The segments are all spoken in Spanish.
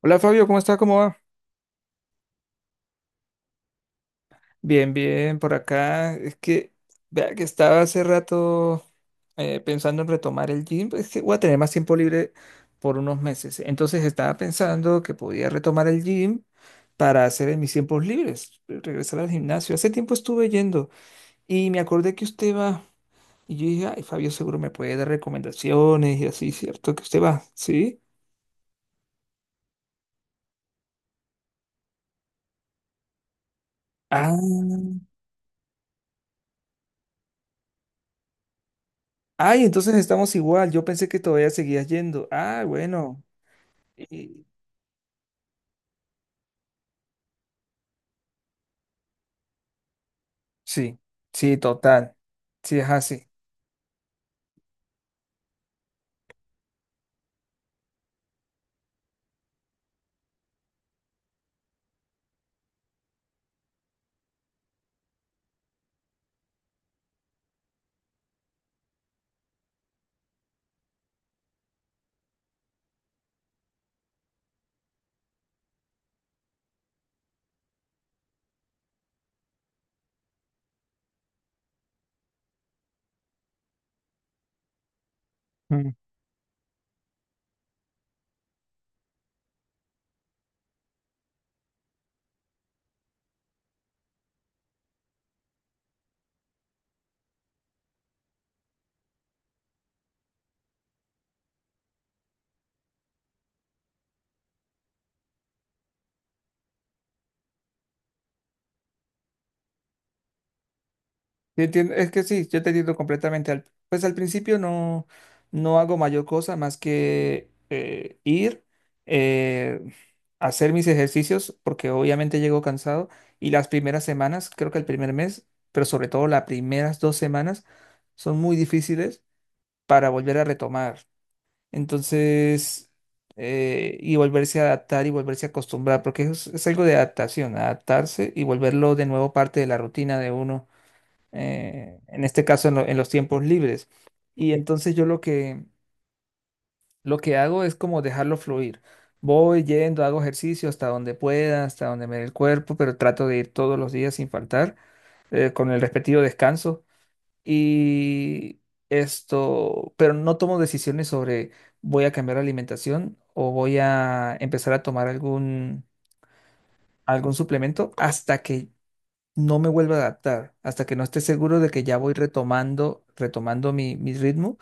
Hola Fabio, ¿cómo está? ¿Cómo va? Bien, bien, por acá. Es que, vea que estaba hace rato pensando en retomar el gym. Es que voy a tener más tiempo libre por unos meses. Entonces estaba pensando que podía retomar el gym para hacer en mis tiempos libres, regresar al gimnasio. Hace tiempo estuve yendo y me acordé que usted va. Y yo dije, ay, Fabio seguro me puede dar recomendaciones y así, ¿cierto? Que usted va, ¿sí? Ah, ay, entonces estamos igual. Yo pensé que todavía seguías yendo. Ah, bueno. Y- Sí, sí, total. Sí, es así. Mm. Es que sí, yo te entiendo completamente. Pues al principio no, no hago mayor cosa más que ir, eh, hacer mis ejercicios, porque obviamente llego cansado. Y las primeras semanas, creo que el primer mes, pero sobre todo las primeras 2 semanas, son muy difíciles para volver a retomar. Entonces, y volverse a adaptar y volverse a acostumbrar, porque es algo de adaptación, adaptarse y volverlo de nuevo parte de la rutina de uno, en este caso en los tiempos libres. Y entonces yo lo que hago es como dejarlo fluir. Voy yendo, hago ejercicio hasta donde pueda, hasta donde me dé el cuerpo, pero trato de ir todos los días sin faltar, con el respectivo descanso. Y esto, pero no tomo decisiones sobre voy a cambiar la alimentación o voy a empezar a tomar algún suplemento hasta que no me vuelva a adaptar, hasta que no esté seguro de que ya voy retomando, retomando mi ritmo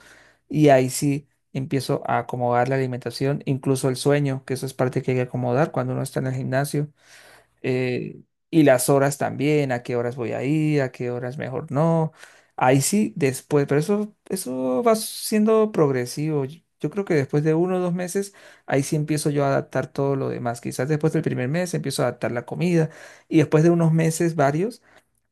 y ahí sí empiezo a acomodar la alimentación, incluso el sueño, que eso es parte que hay que acomodar cuando uno está en el gimnasio eh, y las horas también, a qué horas voy a ir, a qué horas mejor no. Ahí sí, después, pero eso va siendo progresivo. Yo creo que después de 1 o 2 meses, ahí sí empiezo yo a adaptar todo lo demás. Quizás después del primer mes empiezo a adaptar la comida y después de unos meses, varios,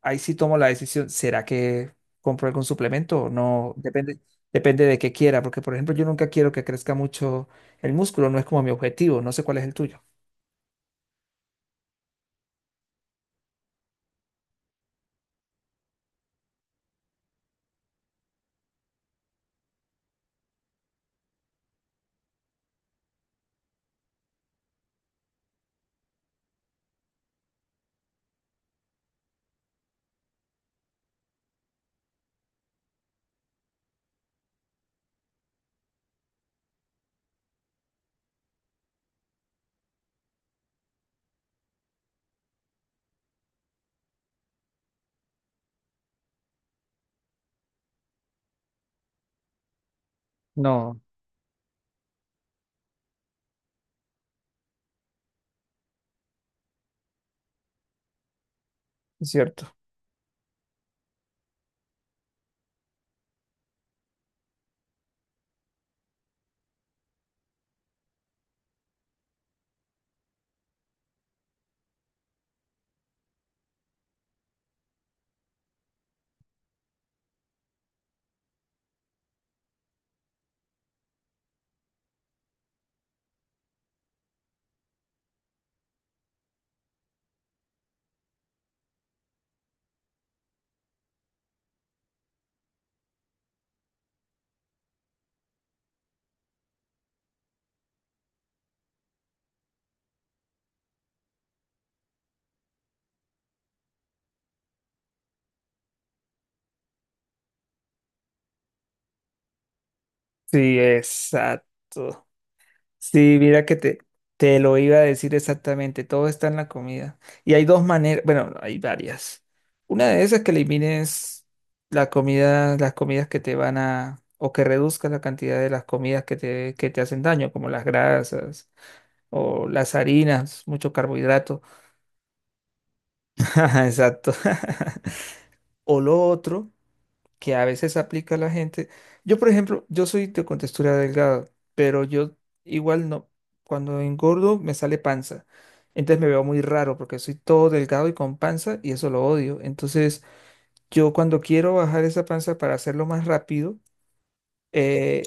ahí sí tomo la decisión, ¿será que compro algún suplemento o no? Depende, depende de qué quiera, porque por ejemplo, yo nunca quiero que crezca mucho el músculo, no es como mi objetivo, no sé cuál es el tuyo. No, es cierto. Sí, exacto. Sí, mira que te lo iba a decir exactamente. Todo está en la comida. Y hay dos maneras, bueno, hay varias. Una de esas es que elimines la comida, las comidas que te van a, o que reduzcas la cantidad de las comidas que te hacen daño, como las grasas o las harinas, mucho carbohidrato. Exacto. O lo otro que a veces aplica la gente. Yo, por ejemplo, yo soy de contextura delgada, pero yo igual no. Cuando engordo me sale panza. Entonces me veo muy raro porque soy todo delgado y con panza y eso lo odio. Entonces yo cuando quiero bajar esa panza para hacerlo más rápido, eh,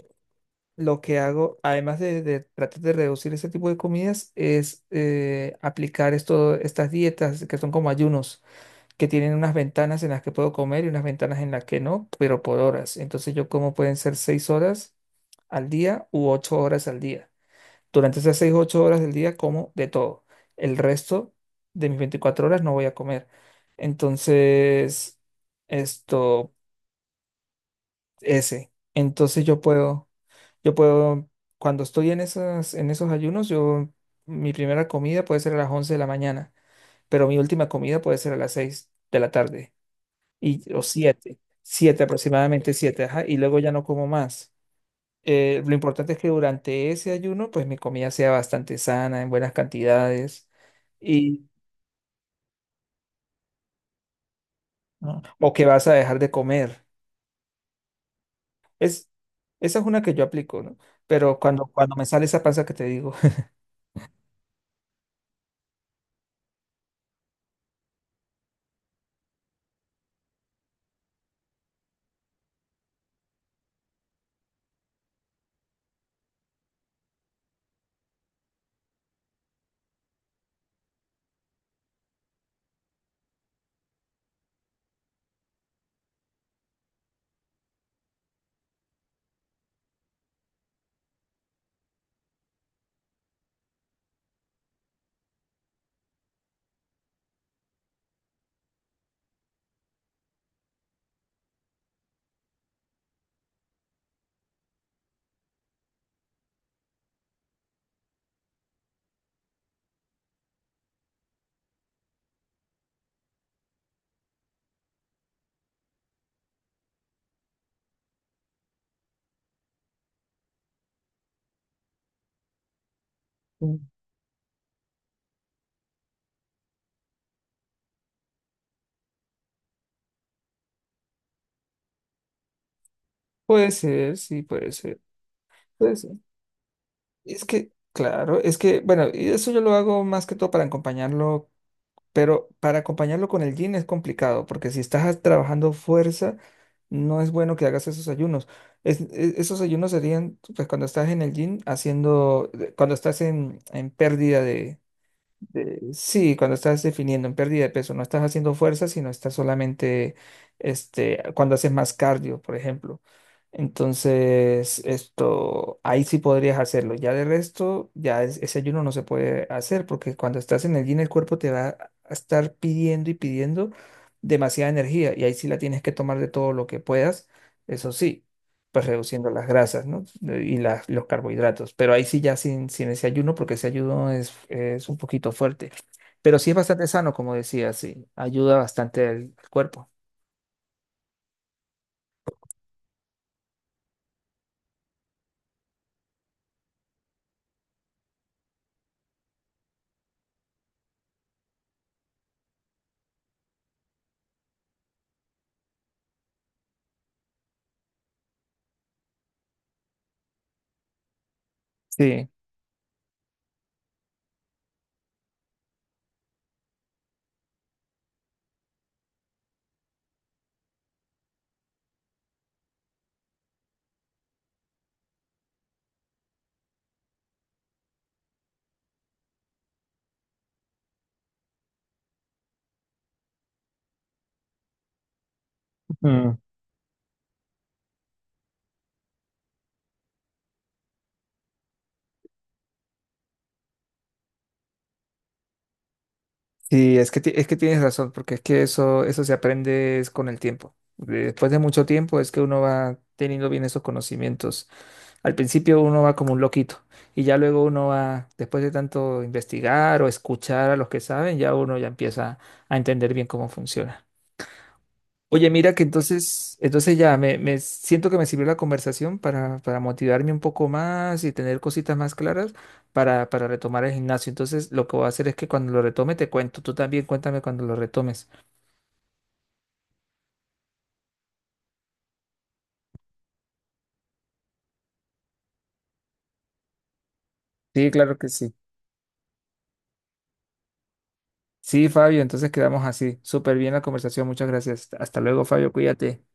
lo que hago, además de tratar de reducir ese tipo de comidas, es aplicar estas dietas que son como ayunos que tienen unas ventanas en las que puedo comer y unas ventanas en las que no, pero por horas. Entonces yo como pueden ser 6 horas al día u 8 horas al día. Durante esas 6 o 8 horas del día como de todo. El resto de mis 24 horas no voy a comer. Entonces, esto, ese. Entonces yo puedo, cuando estoy en esas, en esos ayunos, mi primera comida puede ser a las 11 de la mañana, pero mi última comida puede ser a las 6 de la tarde y, o 7, 7 aproximadamente 7, ajá, y luego ya no como más. Lo importante es que durante ese ayuno, pues mi comida sea bastante sana, en buenas cantidades, y, ¿no? O que vas a dejar de comer. Es, Esa es una que yo aplico, ¿no? Pero cuando me sale esa panza que te digo, Mm. Puede ser, sí, puede ser, puede ser. Es que, claro, es que, bueno, y eso yo lo hago más que todo para acompañarlo. Pero para acompañarlo con el gin es complicado, porque si estás trabajando fuerza, no es bueno que hagas esos ayunos. Esos ayunos serían, pues, cuando estás en el gym haciendo, cuando estás en pérdida sí, cuando estás definiendo en pérdida de peso, no estás haciendo fuerza, sino estás solamente, cuando haces más cardio, por ejemplo. Entonces, ahí sí podrías hacerlo. Ya de resto, ya ese ayuno no se puede hacer porque cuando estás en el gym, el cuerpo te va a estar pidiendo y pidiendo demasiada energía y ahí sí la tienes que tomar de todo lo que puedas, eso sí pues reduciendo las grasas, ¿no? Y las, los carbohidratos. Pero ahí sí ya sin ese ayuno, porque ese ayuno es un poquito fuerte. Pero sí es bastante sano, como decía, sí. Ayuda bastante al cuerpo. Sí, Mm, sí, es que tienes razón, porque es que eso se aprende es con el tiempo. Después de mucho tiempo es que uno va teniendo bien esos conocimientos. Al principio uno va como un loquito y ya luego uno va, después de tanto investigar o escuchar a los que saben, ya uno ya empieza a entender bien cómo funciona. Oye, mira que entonces ya me siento que me sirvió la conversación para motivarme un poco más y tener cositas más claras para retomar el gimnasio. Entonces, lo que voy a hacer es que cuando lo retome te cuento. Tú también cuéntame cuando lo retomes. Sí, claro que sí. Sí, Fabio, entonces quedamos así. Súper bien la conversación. Muchas gracias. Hasta luego, Fabio. Cuídate.